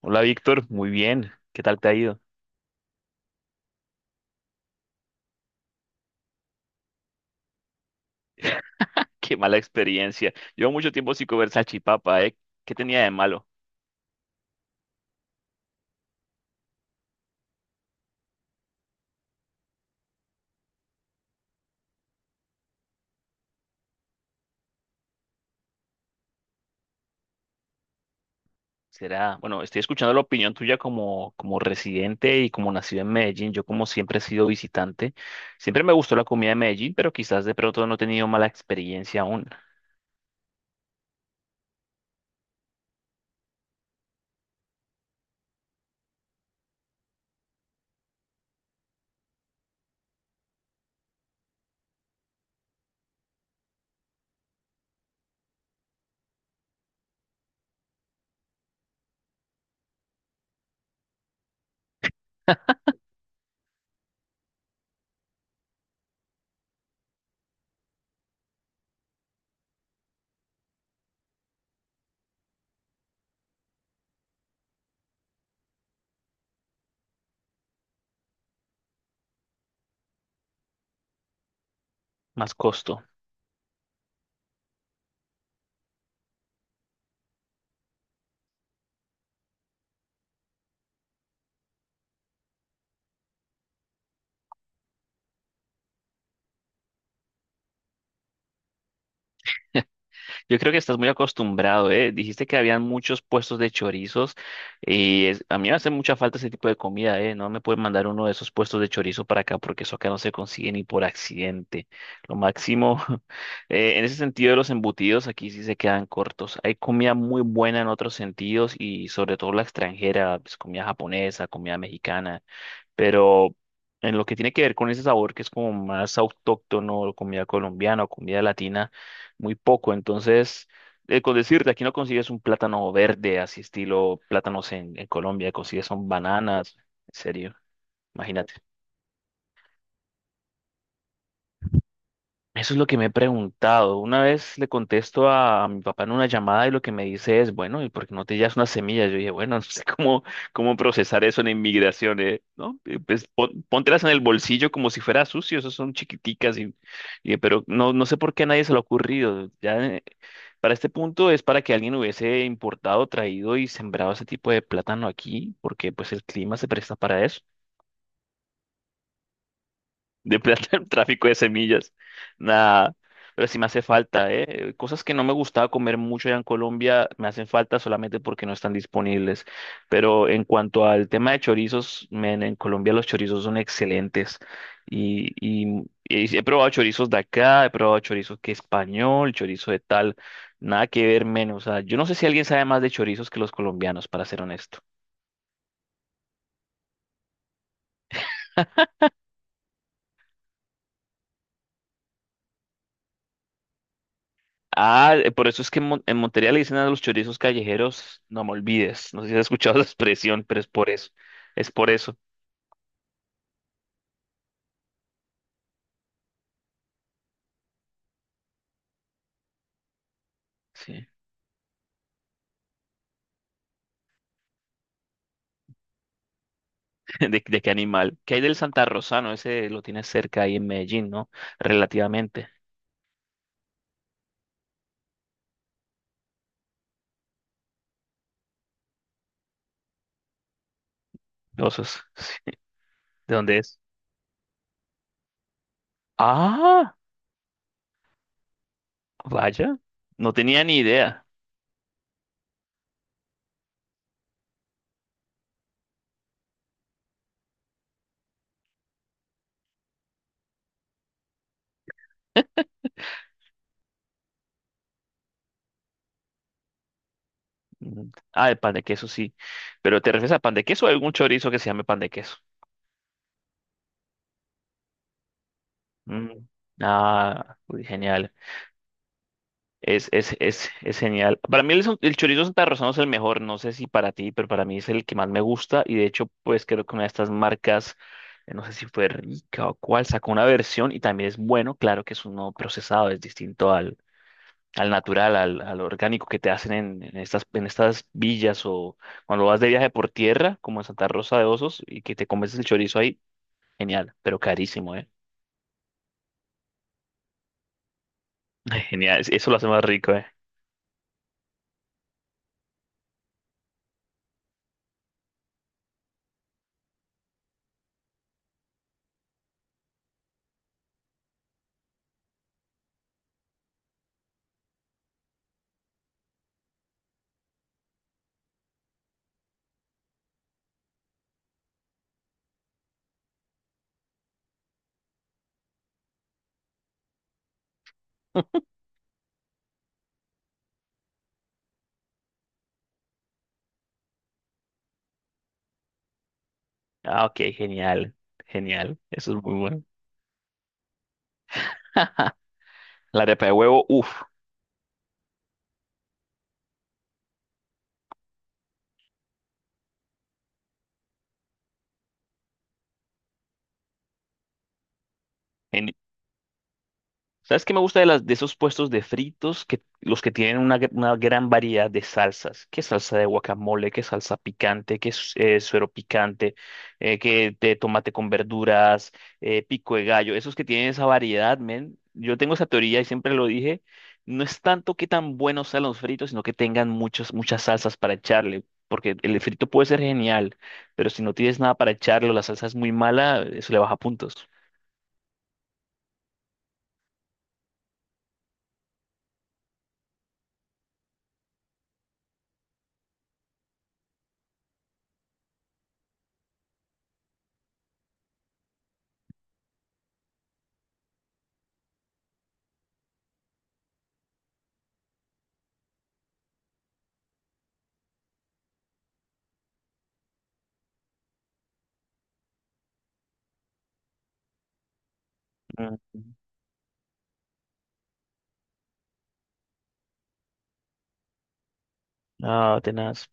Hola Víctor, muy bien. ¿Qué tal te ha ido? Qué mala experiencia. Llevo mucho tiempo sin comer salchipapa, ¿eh? ¿Qué tenía de malo? Será, bueno, estoy escuchando la opinión tuya como residente y como nacido en Medellín. Yo como siempre he sido visitante. Siempre me gustó la comida de Medellín, pero quizás de pronto no he tenido mala experiencia aún. Más costo. Yo creo que estás muy acostumbrado, ¿eh? Dijiste que habían muchos puestos de chorizos a mí me hace mucha falta ese tipo de comida, ¿eh? No me pueden mandar uno de esos puestos de chorizo para acá porque eso acá no se consigue ni por accidente. Lo máximo, en ese sentido de los embutidos, aquí sí se quedan cortos. Hay comida muy buena en otros sentidos y sobre todo la extranjera, pues comida japonesa, comida mexicana. Pero en lo que tiene que ver con ese sabor que es como más autóctono, comida colombiana o comida latina, muy poco. Entonces, con decirte, aquí no consigues un plátano verde, así estilo plátanos en Colombia, consigues son bananas, en serio, imagínate. Eso es lo que me he preguntado. Una vez le contesto a mi papá en una llamada y lo que me dice es, bueno, ¿y por qué no te llevas unas semillas? Yo dije, bueno, no sé cómo, cómo procesar eso en inmigración, ¿eh? ¿No? Pues póntelas en el bolsillo como si fuera sucio, esas son chiquiticas, y, pero no, no sé por qué a nadie se le ha ocurrido. Ya, para este punto es para que alguien hubiese importado, traído y sembrado ese tipo de plátano aquí, porque pues el clima se presta para eso. De plata, tráfico de semillas. Nada. Pero sí me hace falta, ¿eh? Cosas que no me gustaba comer mucho allá en Colombia me hacen falta solamente porque no están disponibles. Pero en cuanto al tema de chorizos, men, en Colombia los chorizos son excelentes. Y, y sí, he probado chorizos de acá, he probado chorizos que español, chorizo de tal. Nada que ver menos. O sea, yo no sé si alguien sabe más de chorizos que los colombianos, para ser honesto. Por eso es que en Montería le dicen a los chorizos callejeros, no me olvides. No sé si has escuchado la expresión, pero es por eso. Es por eso. Sí. De qué animal? ¿Qué hay del Santa Rosano? Ese lo tienes cerca ahí en Medellín, ¿no? Relativamente. Osos. ¿De dónde es? Ah, vaya. No tenía ni idea. Mm, ah, el pan de queso sí. ¿Pero te refieres a pan de queso o a algún chorizo que se llame pan de queso? Mm, ah, uy, genial. Es genial. Para mí el, el chorizo santarrosano es el mejor, no sé si para ti, pero para mí es el que más me gusta y de hecho pues creo que una de estas marcas, no sé si fue Rica o cuál, sacó una versión y también es bueno, claro que es uno procesado, es distinto al, al natural, al orgánico que te hacen en estas, en estas villas o cuando vas de viaje por tierra, como en Santa Rosa de Osos, y que te comes el chorizo ahí, genial, pero carísimo, ¿eh? Ay, genial, eso lo hace más rico, ¿eh? Ah, ok, genial, genial, eso es muy bueno. La arepa de huevo, uff. ¿Sabes qué me gusta de, las, de esos puestos de fritos? Que, los que tienen una, una gran variedad de salsas. ¿Qué salsa de guacamole? ¿Qué salsa picante? ¿Qué suero picante? ¿Qué de tomate con verduras? Pico de gallo. Esos que tienen esa variedad, men. Yo tengo esa teoría y siempre lo dije. No es tanto que tan buenos sean los fritos, sino que tengan muchas salsas para echarle. Porque el frito puede ser genial, pero si no tienes nada para echarlo, la salsa es muy mala, eso le baja puntos. Mm. Ah, tenaz.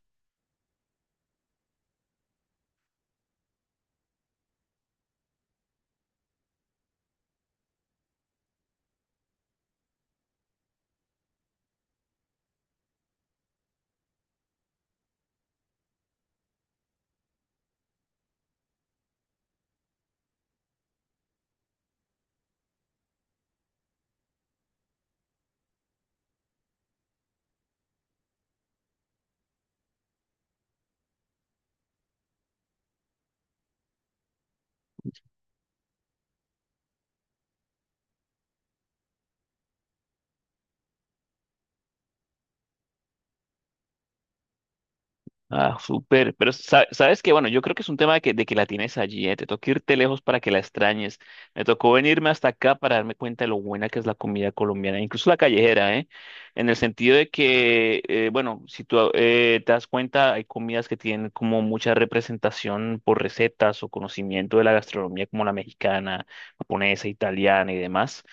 Ah, súper. Pero sabes que, bueno, yo creo que es un tema de que la tienes allí, ¿eh? Te tocó irte lejos para que la extrañes. Me tocó venirme hasta acá para darme cuenta de lo buena que es la comida colombiana, incluso la callejera, ¿eh? En el sentido de que, bueno, si tú te das cuenta, hay comidas que tienen como mucha representación por recetas o conocimiento de la gastronomía, como la mexicana, japonesa, italiana y demás.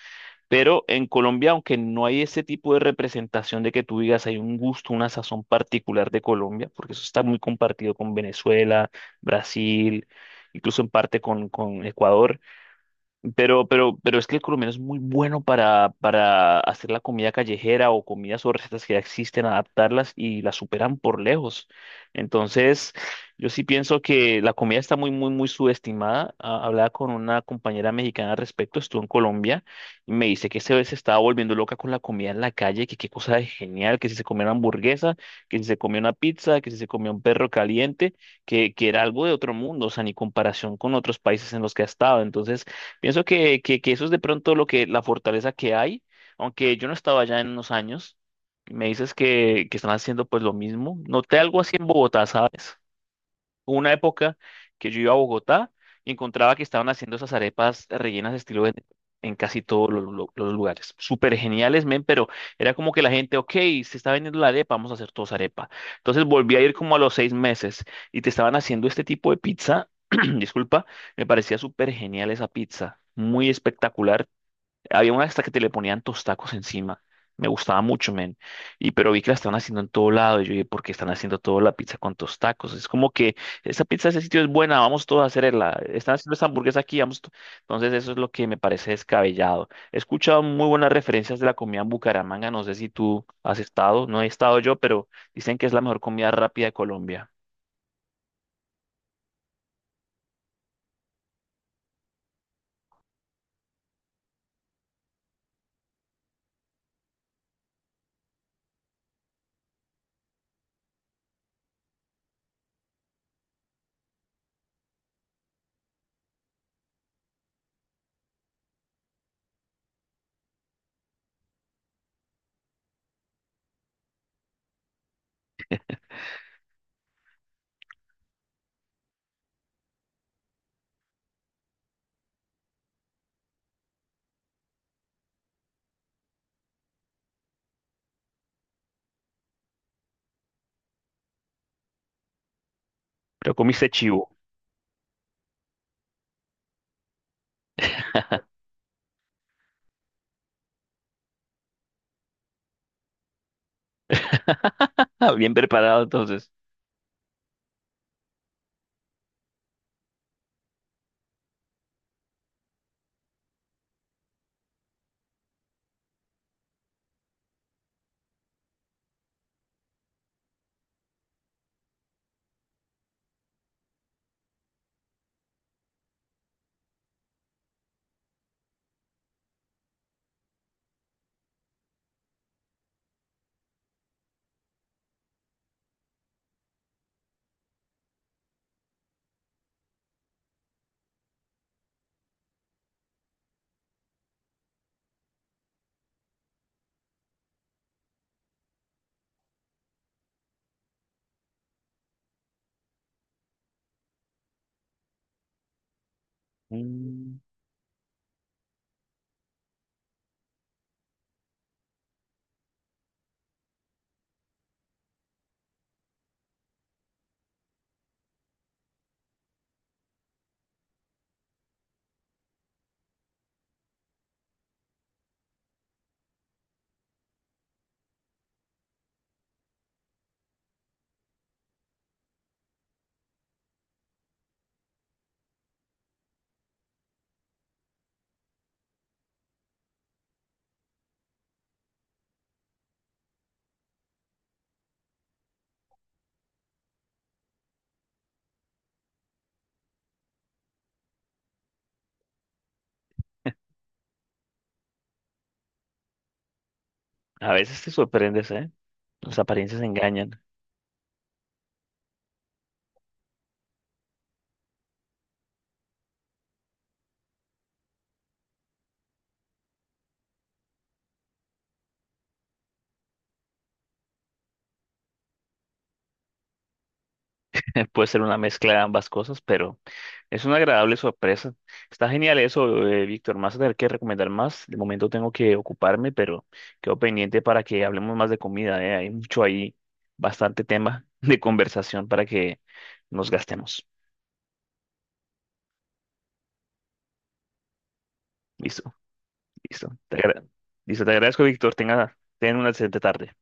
Pero en Colombia, aunque no hay ese tipo de representación de que tú digas hay un gusto, una sazón particular de Colombia, porque eso está muy compartido con Venezuela, Brasil, incluso en parte con Ecuador. Pero es que el colombiano es muy bueno para hacer la comida callejera o comidas o recetas que ya existen, adaptarlas y las superan por lejos. Entonces, yo sí pienso que la comida está muy subestimada. Ah, hablaba con una compañera mexicana al respecto, estuvo en Colombia y me dice que se estaba volviendo loca con la comida en la calle, que qué cosa de genial, que si se comía una hamburguesa, que si se comía una pizza, que si se comía un perro caliente, que era algo de otro mundo, o sea, ni comparación con otros países en los que ha estado. Entonces, pienso que eso es de pronto lo que, la fortaleza que hay, aunque yo no estaba allá en unos años, y me dices que están haciendo pues lo mismo. Noté algo así en Bogotá, ¿sabes? Hubo una época que yo iba a Bogotá y encontraba que estaban haciendo esas arepas rellenas de estilo en casi todos los, los lugares. Súper geniales, men, pero era como que la gente, ok, se está vendiendo la arepa, vamos a hacer todos arepa. Entonces volví a ir como a los seis meses y te estaban haciendo este tipo de pizza. Disculpa, me parecía súper genial esa pizza. Muy espectacular. Había una hasta que te le ponían tostacos encima. Me gustaba mucho, men. Y pero vi que la estaban haciendo en todo lado. Y yo dije, ¿por qué están haciendo toda la pizza con tostacos? Es como que esta pizza ese sitio es buena, vamos todos a hacerla. Están haciendo esta hamburguesa aquí, vamos. To-". Entonces, eso es lo que me parece descabellado. He escuchado muy buenas referencias de la comida en Bucaramanga. No sé si tú has estado, no he estado yo, pero dicen que es la mejor comida rápida de Colombia. Pero comiste chivo. Ah, bien preparado, entonces. Mm, a veces te sorprendes, ¿eh? Las apariencias engañan. Puede ser una mezcla de ambas cosas, pero es una agradable sorpresa. Está genial eso, Víctor. Más a tener que recomendar más. De momento tengo que ocuparme, pero quedo pendiente para que hablemos más de comida, ¿eh? Hay mucho ahí, bastante tema de conversación para que nos gastemos. Listo, listo. Listo, te agradezco, Víctor. Tenga, ten una excelente tarde.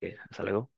Hasta luego.